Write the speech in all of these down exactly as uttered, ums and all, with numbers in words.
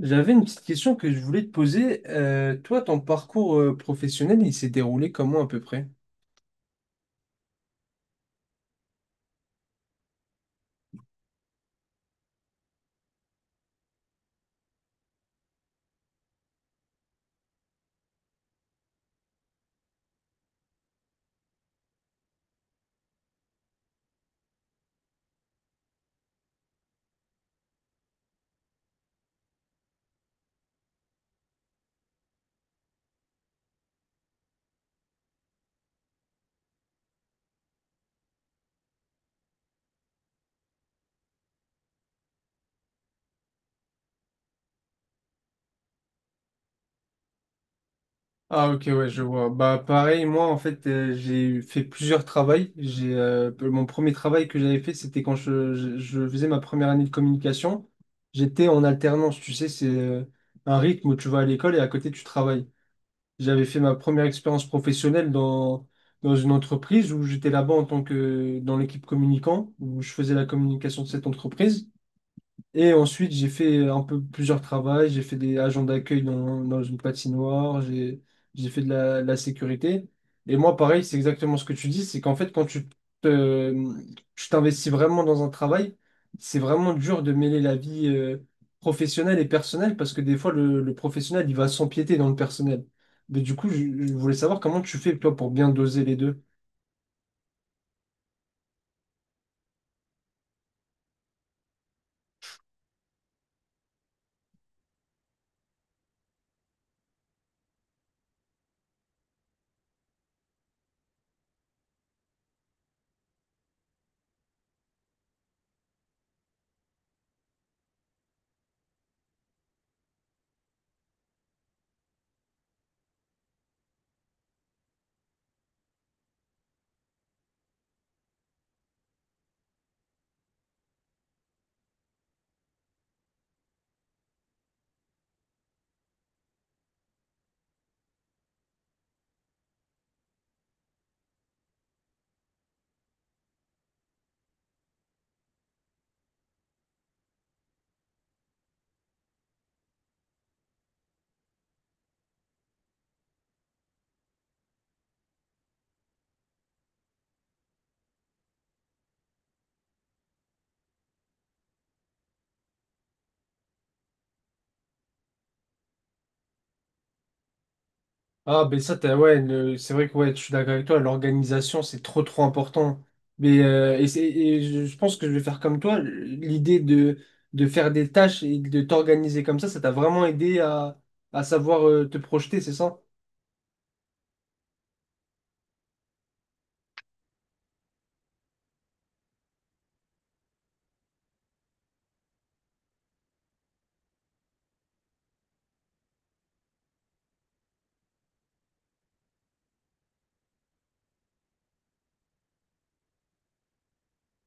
J'avais une petite question que je voulais te poser. Euh, toi, ton parcours euh, professionnel, il s'est déroulé comment à peu près? Ah ok, ouais, je vois. Bah pareil, moi en fait, euh, j'ai fait plusieurs travails. J'ai euh, mon premier travail que j'avais fait, c'était quand je, je- je faisais ma première année de communication. J'étais en alternance, tu sais, c'est euh, un rythme où tu vas à l'école et à côté tu travailles. J'avais fait ma première expérience professionnelle dans, dans une entreprise où j'étais là-bas en tant que dans l'équipe communicant, où je faisais la communication de cette entreprise. Et ensuite, j'ai fait un peu plusieurs travaux. J'ai fait des agents d'accueil dans, dans une patinoire. J'ai, j'ai fait de la, de la sécurité. Et moi, pareil, c'est exactement ce que tu dis. C'est qu'en fait, quand tu te- tu t'investis vraiment dans un travail, c'est vraiment dur de mêler la vie euh, professionnelle et personnelle parce que des fois, le, le professionnel, il va s'empiéter dans le personnel. Mais du coup, je, je voulais savoir comment tu fais, toi, pour bien doser les deux. Ah, ben ça, t'as, ouais, le- c'est vrai que ouais, je suis d'accord avec toi, l'organisation, c'est trop trop important. Mais euh, et c'est- et je je pense que je vais faire comme toi, l'idée de, de faire des tâches et de t'organiser comme ça, ça t'a vraiment aidé à, à savoir euh, te projeter, c'est ça?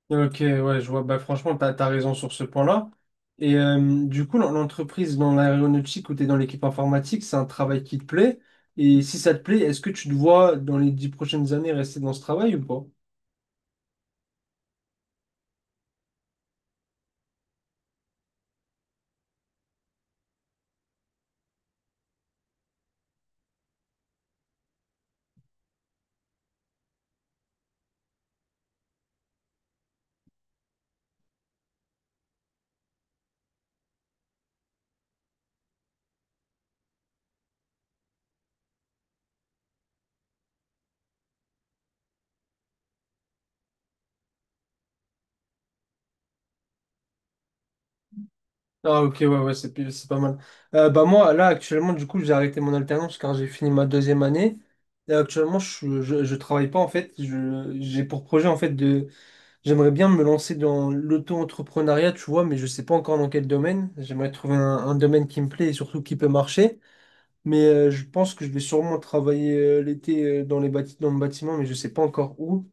Ok, ouais, je vois. Bah, franchement, t'as, t'as raison sur ce point-là. Et euh, du coup, l'en- l'entreprise dans l'aéronautique où t'es dans l'équipe informatique, c'est un travail qui te plaît. Et si ça te plaît, est-ce que tu te vois dans les dix prochaines années rester dans ce travail ou pas? Ah, ok, ouais, ouais, c'est, p- c'est pas mal. Euh, bah, moi, là, actuellement, du coup, j'ai arrêté mon alternance car j'ai fini ma deuxième année. Et actuellement, je, suis- je, je travaille pas, en fait. Je, j'ai pour projet, en fait, de j'aimerais bien me lancer dans l'auto-entrepreneuriat, tu vois, mais je sais pas encore dans quel domaine. J'aimerais trouver un, un domaine qui me plaît et surtout qui peut marcher. Mais euh, je pense que je vais sûrement travailler euh, l'été euh, dans les bâti- dans le bâtiment, mais je sais pas encore où.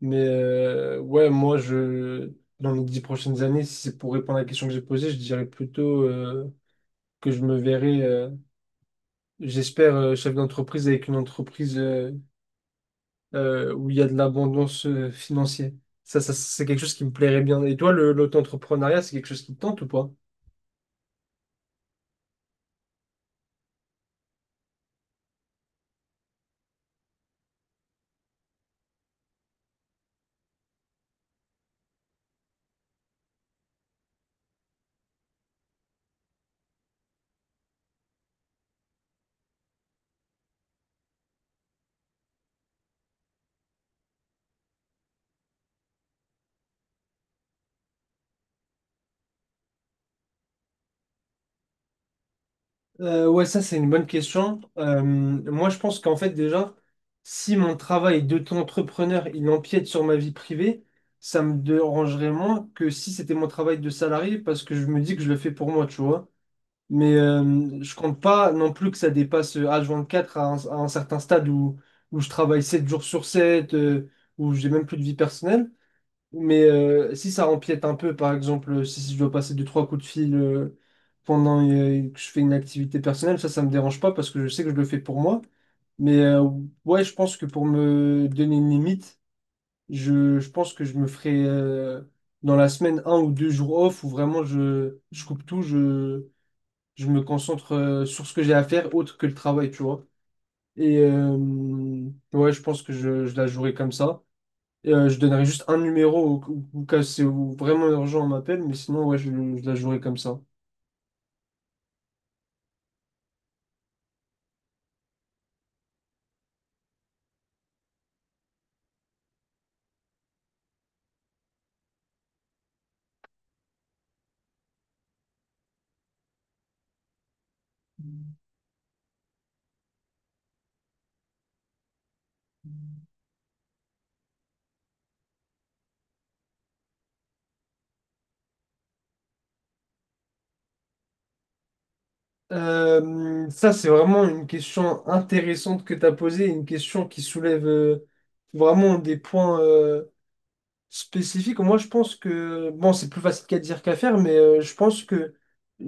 Mais euh, ouais, moi, je, dans les dix prochaines années, si c'est pour répondre à la question que j'ai posée, je dirais plutôt euh, que je me verrais, euh, j'espère, euh, chef d'entreprise avec une entreprise euh, euh, où il y a de l'abondance euh, financière. Ça, ça, c'est quelque chose qui me plairait bien. Et toi, le, l'auto-entrepreneuriat, c'est quelque chose qui te tente ou pas? Euh, ouais, ça c'est une bonne question. Euh, moi je pense qu'en fait déjà, si mon travail d'auto-entrepreneur il empiète sur ma vie privée, ça me dérangerait moins que si c'était mon travail de salarié parce que je me dis que je le fais pour moi, tu vois. Mais euh, je compte pas non plus que ça dépasse euh, h vingt-quatre à un, à un certain stade où, où je travaille sept jours sur sept, euh, où j'ai même plus de vie personnelle. Mais euh, si ça empiète un peu, par exemple, si, si je dois passer deux, trois coups de fil euh, pendant euh, que je fais une activité personnelle, ça, ça me dérange pas parce que je sais que je le fais pour moi. Mais euh, ouais, je pense que pour me donner une limite, je, je pense que je me ferai euh, dans la semaine un ou deux jours off où vraiment je, je coupe tout, je, je me concentre euh, sur ce que j'ai à faire autre que le travail, tu vois. Et euh, ouais, je pense que je, je la jouerai comme ça. Euh, je donnerai juste un numéro au, au- au cas où c'est où vraiment urgent, on m'appelle, mais sinon, ouais, je, je la jouerai comme ça. Euh, ça, c'est vraiment une question intéressante que tu as posée, une question qui soulève euh, vraiment des points. euh, spécifique, moi je pense que, bon, c'est plus facile qu'à dire qu'à faire, mais euh, je pense que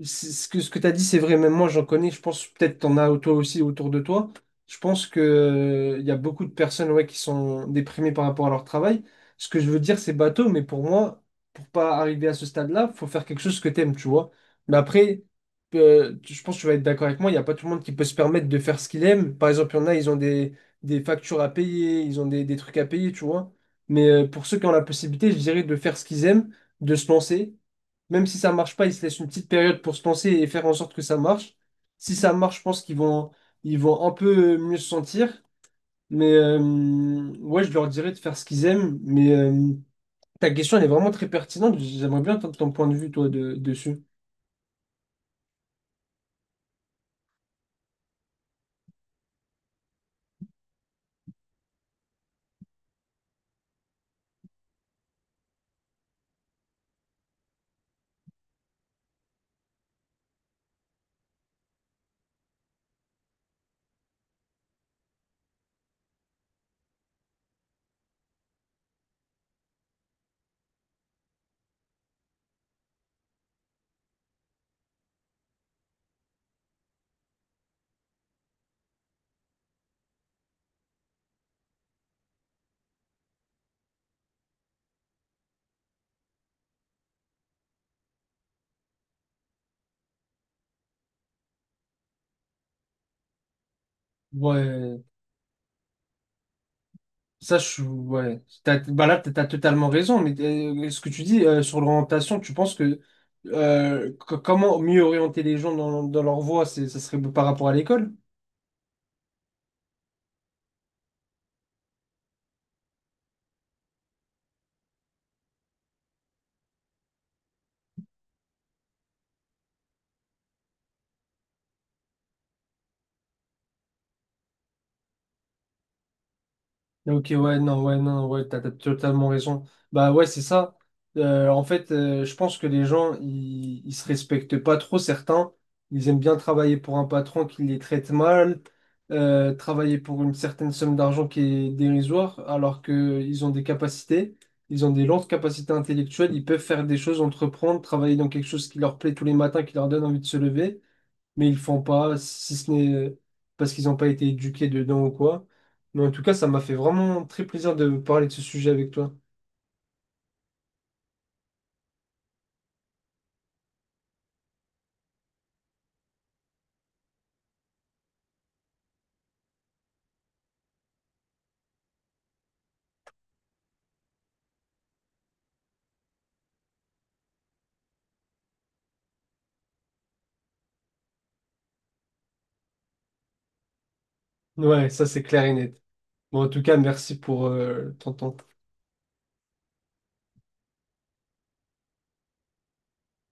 c'est- ce que, ce que tu as dit, c'est vrai, même moi j'en connais, je pense peut-être t'en as toi aussi autour de toi. Je pense que, euh, il y a beaucoup de personnes ouais, qui sont déprimées par rapport à leur travail. Ce que je veux dire, c'est bateau, mais pour moi, pour pas arriver à ce stade-là, faut faire quelque chose que t'aimes, tu vois. Mais après, euh, tu- je pense que tu vas être d'accord avec moi, il n'y a pas tout le monde qui peut se permettre de faire ce qu'il aime. Par exemple, il y en a, ils ont des, des factures à payer, ils ont des, des trucs à payer, tu vois. Mais euh, pour ceux qui ont la possibilité, je dirais de faire ce qu'ils aiment, de se lancer. Même si ça marche pas, ils se laissent une petite période pour se lancer et faire en sorte que ça marche. Si ça marche, je pense qu'ils vont, ils vont un peu mieux se sentir. Mais euh, ouais, je leur dirais de faire ce qu'ils aiment. Mais euh, ta question, elle est vraiment très pertinente. J'aimerais bien entendre ton point de vue, toi, de- dessus. Ouais. Ça, je, ouais. T'as, bah là, t'as t'as totalement raison, mais euh, ce que tu dis euh, sur l'orientation, tu penses que, euh, co- comment mieux orienter les gens dans, dans leur voie, c'est, ça serait par rapport à l'école? Ok, ouais, non, ouais, non, ouais, t'as, t'as totalement raison. Bah ouais, c'est ça. Euh, en fait, euh, je pense que les gens, ils, ils se respectent pas trop, certains. Ils aiment bien travailler pour un patron qui les traite mal, euh, travailler pour une certaine somme d'argent qui est dérisoire, alors qu'ils ont des capacités, ils ont des lentes capacités intellectuelles, ils peuvent faire des choses, entreprendre, travailler dans quelque chose qui leur plaît tous les matins, qui leur donne envie de se lever mais ils font pas, si ce n'est parce qu'ils n'ont pas été éduqués dedans ou quoi. Mais en tout cas, ça m'a fait vraiment très plaisir de parler de ce sujet avec toi. Ouais, ça c'est clair et net. Bon, en tout cas, merci pour euh, ton temps.